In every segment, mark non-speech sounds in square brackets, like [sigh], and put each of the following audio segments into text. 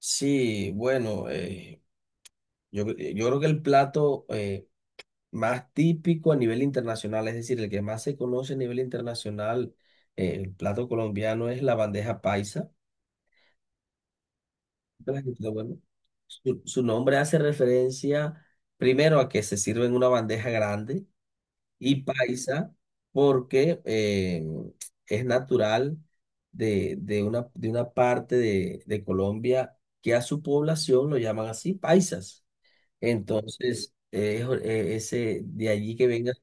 Sí, bueno, yo creo que el plato más típico a nivel internacional, es decir, el que más se conoce a nivel internacional, el plato colombiano es la bandeja paisa. Pero, bueno, su nombre hace referencia primero a que se sirve en una bandeja grande y paisa porque es natural de una parte de Colombia que a su población lo llaman así, paisas. Entonces, ese, de allí que venga,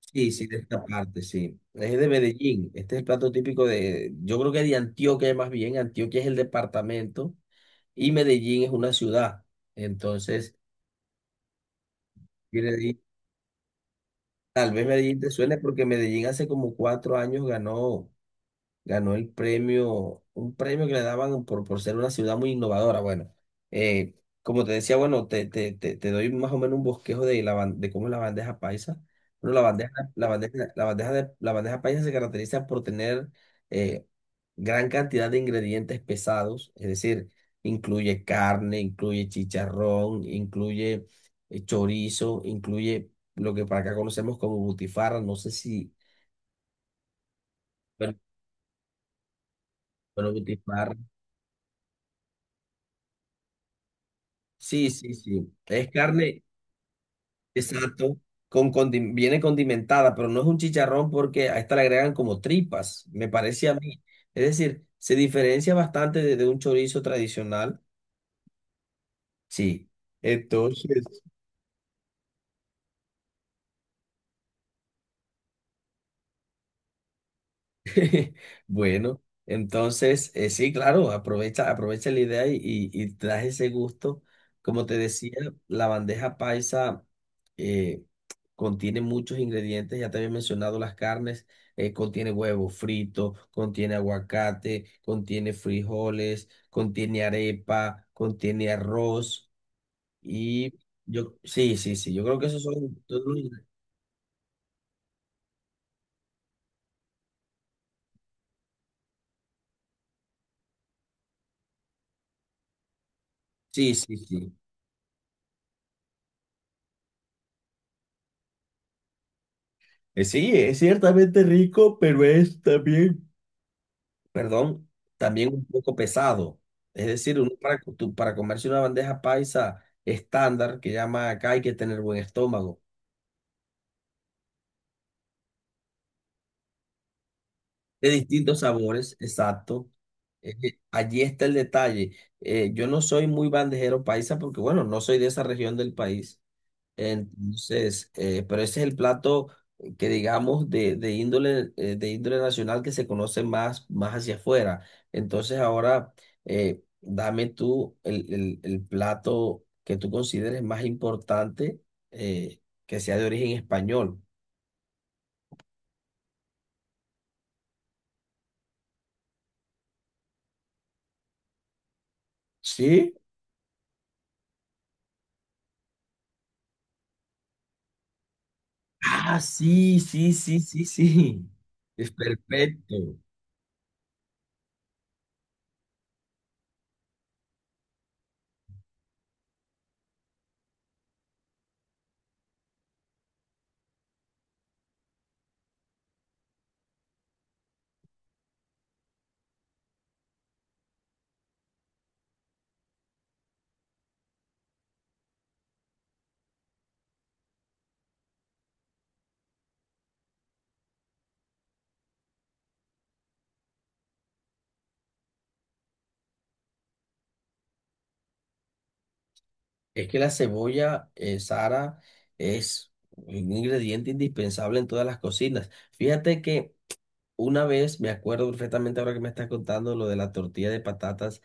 sí, sí, de esta parte, sí. Es de Medellín. Este es el plato típico de, yo creo que de Antioquia más bien. Antioquia es el departamento y Medellín es una ciudad. Entonces, viene de ahí. Tal vez Medellín te suene porque Medellín hace como 4 años ganó. Ganó el premio, un premio que le daban por ser una ciudad muy innovadora. Bueno, eh, como te decía, bueno, te doy más o menos un bosquejo de, de cómo es la bandeja paisa. Bueno, la bandeja paisa se caracteriza por tener eh, gran cantidad de ingredientes pesados, es decir, incluye carne, incluye chicharrón, incluye chorizo, incluye lo que para acá conocemos como butifarra, no sé si, bueno, bueno, butifarra. Sí, sí, sí. Es carne, exacto, viene condimentada, pero no es un chicharrón porque a esta le agregan como tripas, me parece a mí. Es decir, se diferencia bastante de un chorizo tradicional. Sí. Entonces, [laughs] bueno, entonces, sí, claro, aprovecha la idea y trae ese gusto. Como te decía, la bandeja paisa eh, contiene muchos ingredientes, ya te había mencionado las carnes, contiene huevo frito, contiene aguacate, contiene frijoles, contiene arepa, contiene arroz y yo, sí, sí, sí, yo creo que esos son todos los sí, sí, sí. Sí, es ciertamente rico, pero es también perdón, también un poco pesado. Es decir, uno para, co- tú- para comerse una bandeja paisa estándar, que llama acá, hay que tener buen estómago, de distintos sabores, exacto. Allí está el detalle. Yo no soy muy bandejero paisa porque, bueno, no soy de esa región del país. Entonces, pero ese es el plato que digamos de índole nacional que se conoce más, más hacia afuera. Entonces ahora dame tú el plato que tú consideres más importante que sea de origen español. ¿Sí? Ah, sí, sí, sí, sí, sí. Es perfecto. Es que la cebolla, Sara, es un ingrediente indispensable en todas las cocinas. Fíjate que una vez, me acuerdo perfectamente ahora que me estás contando lo de la tortilla de patatas.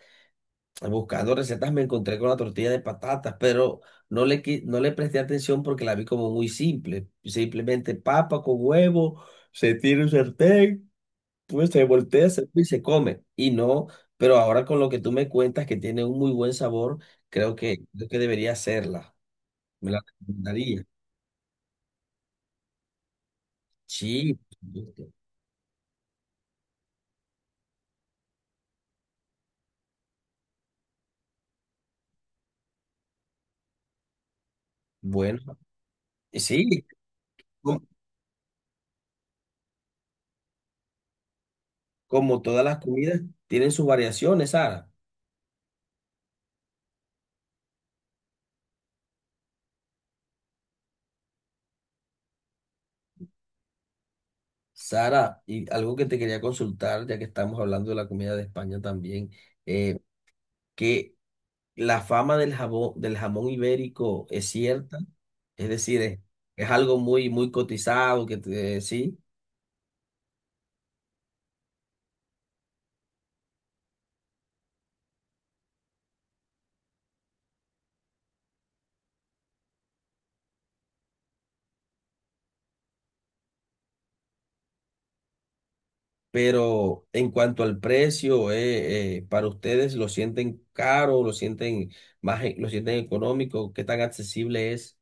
Buscando recetas me encontré con la tortilla de patatas, pero no le presté atención porque la vi como muy simple. Simplemente papa con huevo, se tira un sartén, pues se voltea, y se come. Y no, pero ahora con lo que tú me cuentas que tiene un muy buen sabor, creo que debería hacerla. Me la recomendaría. Sí, por supuesto. Bueno, y sí. Como todas las comidas, tienen sus variaciones, Sara. Sara, y algo que te quería consultar, ya que estamos hablando de la comida de España también, eh, que la fama del jamón ibérico es cierta, es decir, es algo muy, muy cotizado, que te- sí, pero en cuanto al precio, para ustedes lo sienten caro, lo sienten más, lo sienten económico, ¿qué tan accesible es?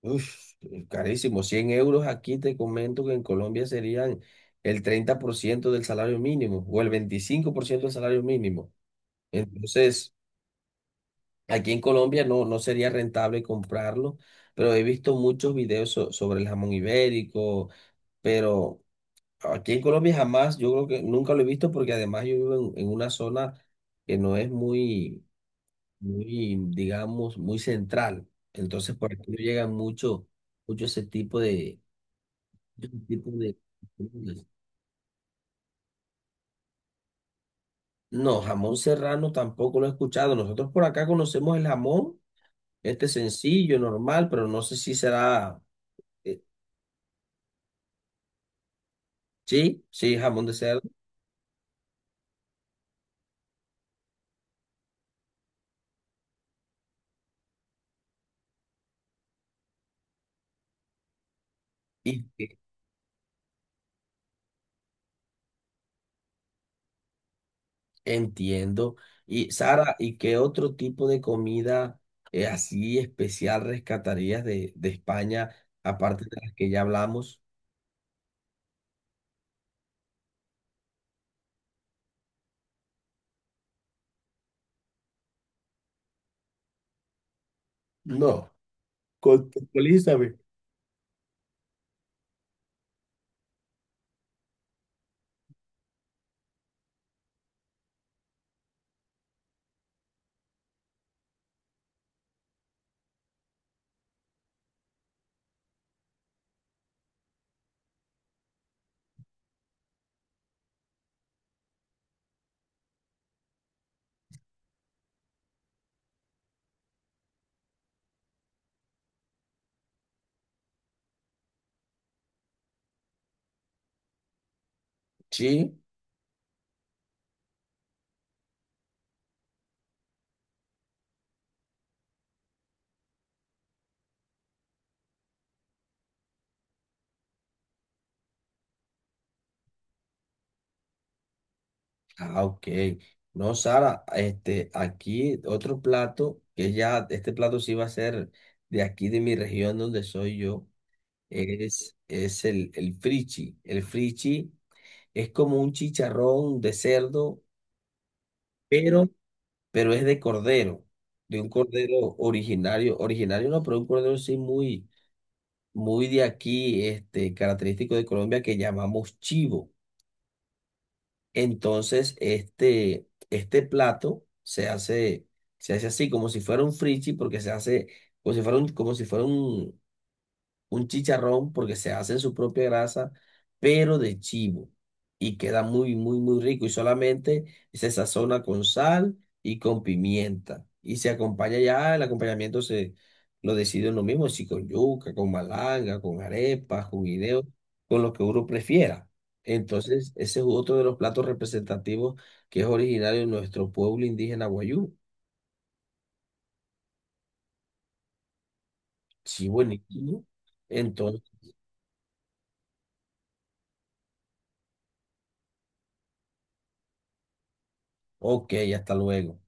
Uf, carísimo. 100 euros, aquí te comento que en Colombia serían el 30% del salario mínimo o el 25% del salario mínimo. Entonces, aquí en Colombia no, no sería rentable comprarlo, pero he visto muchos videos sobre el jamón ibérico, pero aquí en Colombia jamás, yo creo que nunca lo he visto porque además yo vivo en una zona que no es muy, muy, digamos, muy central. Entonces, por aquí no llegan mucho, mucho ese tipo de ese tipo de comidas. No, jamón serrano tampoco lo he escuchado. Nosotros por acá conocemos el jamón, este sencillo, normal, pero no sé si será, eh, sí, sí, jamón de cerdo. Y eh, Entiendo. Y Sara, ¿y qué otro tipo de comida así especial rescatarías de España, aparte de las que ya hablamos? No, contextualízame. Sí. Ah, ok. No, Sara, este, aquí otro plato, que ya, este plato sí va a ser de aquí de mi región donde soy yo, es, el frichi. El frichi es como un chicharrón de cerdo, pero, pero es de cordero, de un cordero originario, originario no, pero un cordero sí muy, muy de aquí, este, característico de Colombia que llamamos chivo. Entonces, este plato se hace así, como si fuera un frichi, porque se hace como si fuera un chicharrón porque se hace en su propia grasa, pero de chivo. Y queda muy, muy, muy rico. Y solamente se sazona con sal y con pimienta. Y se acompaña ya, el acompañamiento se lo decide uno mismo, si con yuca, con malanga, con arepas, con guineo, con lo que uno prefiera. Entonces, ese es otro de los platos representativos que es originario de nuestro pueblo indígena Guayú. Sí, buenísimo. Entonces, ok, hasta luego.